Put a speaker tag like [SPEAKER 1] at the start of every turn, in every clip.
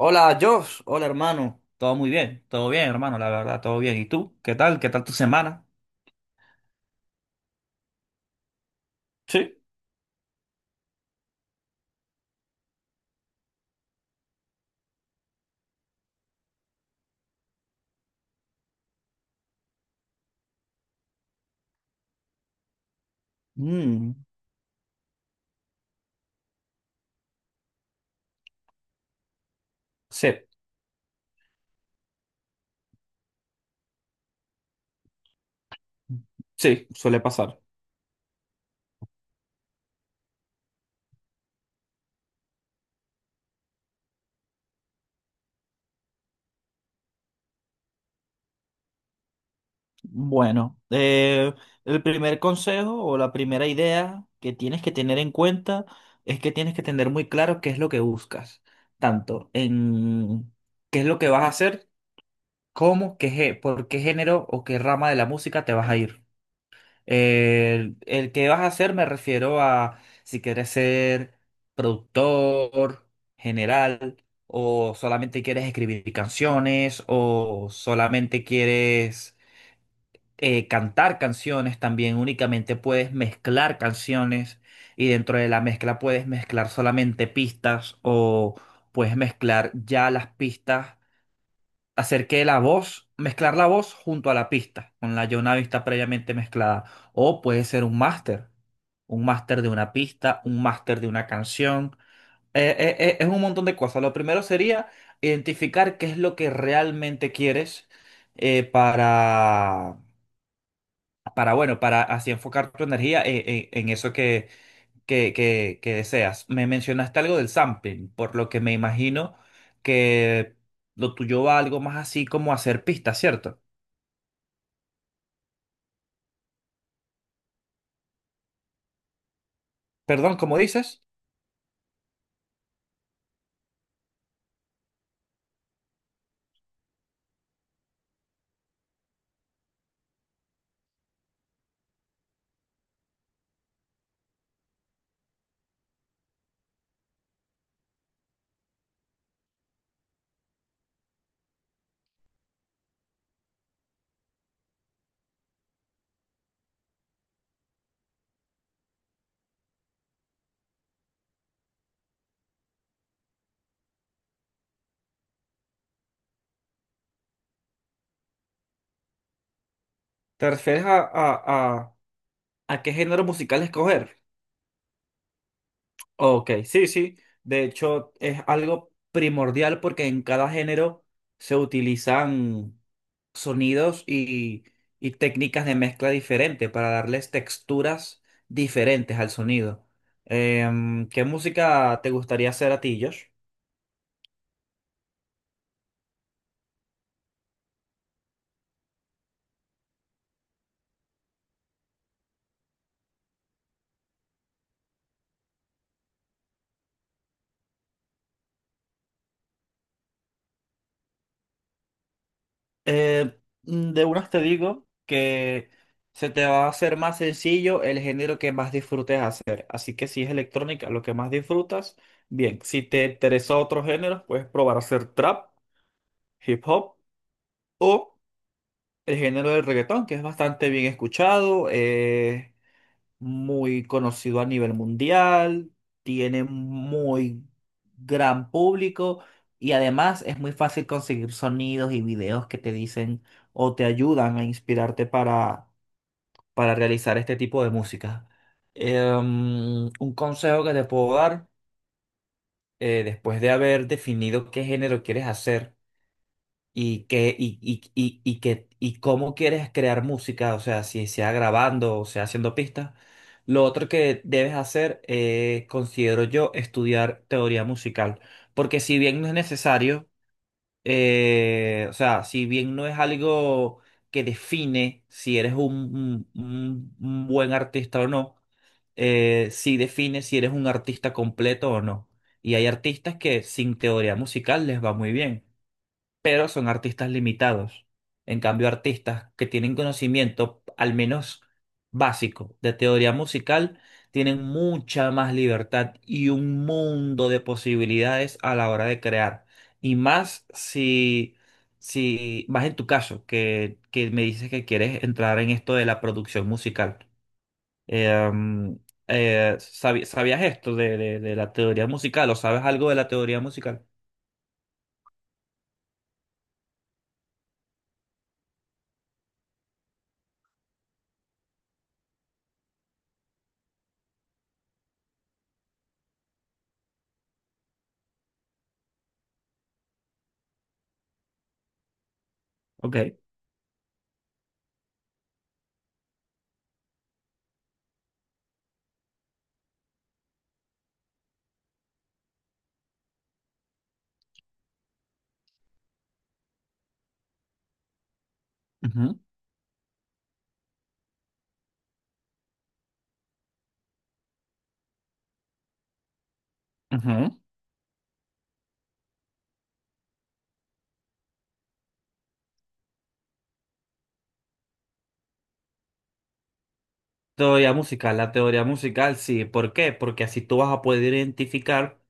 [SPEAKER 1] Hola, Josh. Hola, hermano. Todo muy bien. Todo bien, hermano, la verdad, todo bien. ¿Y tú? ¿Qué tal? ¿Qué tal tu semana? Sí. Mm, sí, sí, suele pasar. bueno, eh, el primer consejo o la primera idea que tienes que tener en cuenta es que tienes que tener muy claro qué es lo que buscas, tanto en qué es lo que vas a hacer como qué, por qué género o qué rama de la música te vas a ir. El que vas a hacer me refiero a si quieres ser productor general o solamente quieres escribir canciones o solamente quieres cantar canciones, también únicamente puedes mezclar canciones y dentro de la mezcla puedes mezclar solamente pistas o puedes mezclar ya las pistas hacer que la voz, mezclar la voz junto a la pista, con la ya una pista previamente mezclada. O puede ser un máster de una pista, un máster de una canción. Es un montón de cosas. Lo primero sería identificar qué es lo que realmente quieres eh, para, para, bueno, para así enfocar tu energía en eso que deseas. Me mencionaste algo del sampling, por lo que me imagino que lo tuyo va algo más así como hacer pistas, ¿cierto? Perdón, ¿cómo dices? ¿Te refieres a, a qué género musical escoger? Ok, sí, sí. De hecho, es algo primordial porque en cada género se utilizan sonidos y técnicas de mezcla diferentes para darles texturas diferentes al sonido. ¿Qué música te gustaría hacer a ti, Josh? Eh, de unas te digo que se te va a hacer más sencillo el género que más disfrutes hacer. Así que si es electrónica lo que más disfrutas, bien. Si te interesa otro género, puedes probar a hacer trap, hip hop o el género del reggaetón, que es bastante bien escuchado. Muy conocido a nivel mundial, tiene muy gran público y además es muy fácil conseguir sonidos y videos que te dicen o te ayudan a inspirarte para realizar este tipo de música. Un consejo que te puedo dar, después de haber definido qué género quieres hacer, y que y que y cómo quieres crear música, o sea, si sea grabando o sea haciendo pistas. Lo otro que debes hacer, considero yo, estudiar teoría musical, porque si bien no es necesario, o sea, si bien no es algo que define si eres un buen artista o no, sí define si eres un artista completo o no. Y hay artistas que sin teoría musical les va muy bien pero son artistas limitados. En cambio, artistas que tienen conocimiento, al menos básico, de teoría musical, tienen mucha más libertad y un mundo de posibilidades a la hora de crear. Y más si, si más en tu caso, que me dices que quieres entrar en esto de la producción musical. Eh, ¿Sabías esto de, de la teoría musical o sabes algo de la teoría musical? Ok. Ujú, ujú. Teoría musical, la teoría musical, sí. ¿Por qué? Porque así tú vas a poder identificar.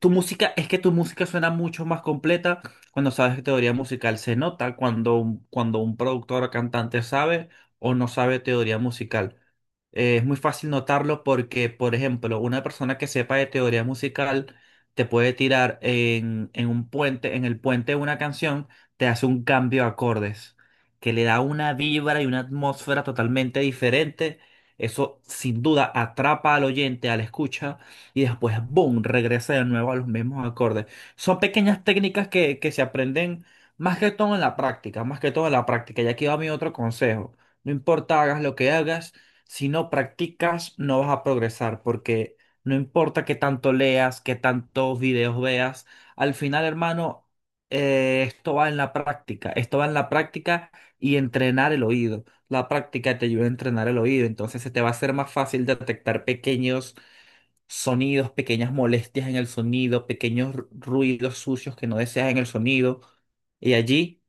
[SPEAKER 1] Tu música, es que tu música suena mucho más completa cuando sabes teoría musical. Se nota cuando, cuando un productor o cantante sabe o no sabe teoría musical. Es muy fácil notarlo porque, por ejemplo, una persona que sepa de teoría musical te puede tirar en un puente, en el puente de una canción, te hace un cambio de acordes que le da una vibra y una atmósfera totalmente diferente. Eso sin duda atrapa al oyente, al escucha y después, boom, regresa de nuevo a los mismos acordes. Son pequeñas técnicas que se aprenden más que todo en la práctica, más que todo en la práctica. Y aquí va mi otro consejo. No importa hagas lo que hagas, si no practicas, no vas a progresar, porque no importa qué tanto leas, qué tantos videos veas, al final, hermano, esto va en la práctica, esto va en la práctica y entrenar el oído. La práctica te ayuda a entrenar el oído, entonces se te va a hacer más fácil detectar pequeños sonidos, pequeñas molestias en el sonido, pequeños ruidos sucios que no deseas en el sonido, y allí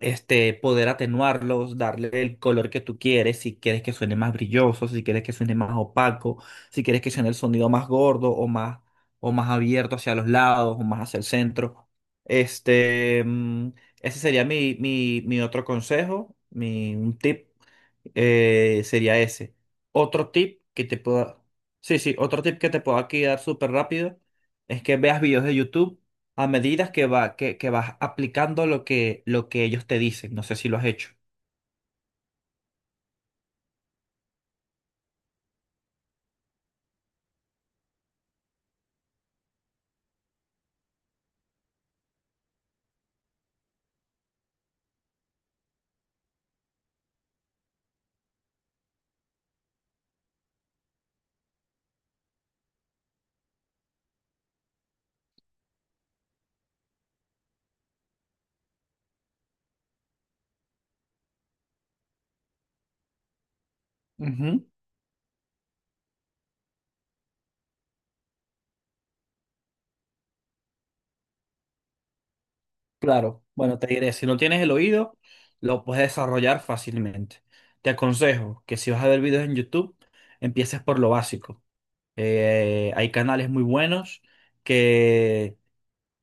[SPEAKER 1] este, poder atenuarlos, darle el color que tú quieres, si quieres que suene más brilloso, si quieres que suene más opaco, si quieres que suene el sonido más gordo o más abierto hacia los lados o más hacia el centro. Este, mm, Ese sería mi otro consejo, mi, un tip sería ese. Otro tip que te pueda, sí, sí, otro tip que te puedo aquí dar súper rápido es que veas videos de YouTube a medida que que vas aplicando lo que ellos te dicen. No sé si lo has hecho. Ujú. Claro, bueno, te diré, si no tienes el oído, lo puedes desarrollar fácilmente. Te aconsejo que si vas a ver videos en YouTube, empieces por lo básico. Hay canales muy buenos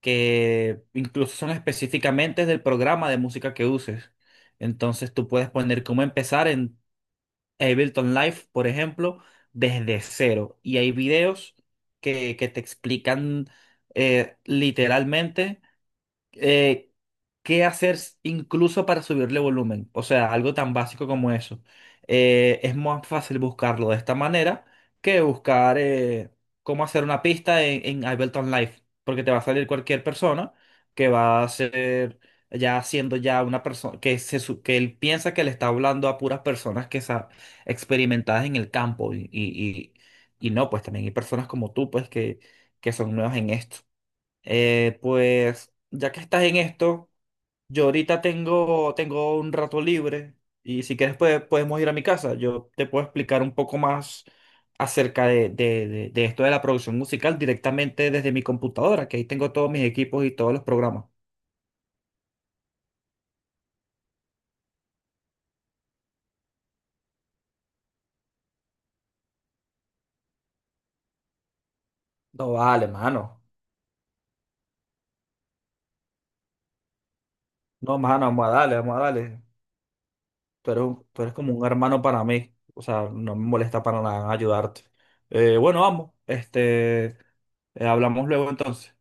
[SPEAKER 1] que incluso son específicamente del programa de música que uses. Entonces tú puedes poner cómo empezar en Ableton Live, por ejemplo, desde cero. Y hay videos que te explican literalmente eh, qué hacer incluso para subirle volumen. O sea, algo tan básico como eso. Es más fácil buscarlo de esta manera que buscar cómo hacer una pista en Ableton Live, porque te va a salir cualquier persona que va a ser ya siendo ya una persona que que él piensa que le está hablando a puras personas que experimentadas en el campo y y no, pues también hay personas como tú pues que son nuevas en esto. Pues ya que estás en esto, yo ahorita tengo, tengo un rato libre y si quieres podemos ir a mi casa. Yo te puedo explicar un poco más acerca de, de esto de la producción musical directamente desde mi computadora, que ahí tengo todos mis equipos y todos los programas. No, vale, mano. No, mano, vamos a darle, vamos a darle. Tú eres, tú eres como un hermano para mí. O sea, no me molesta para nada ayudarte. Bueno, vamos. Este, hablamos luego entonces.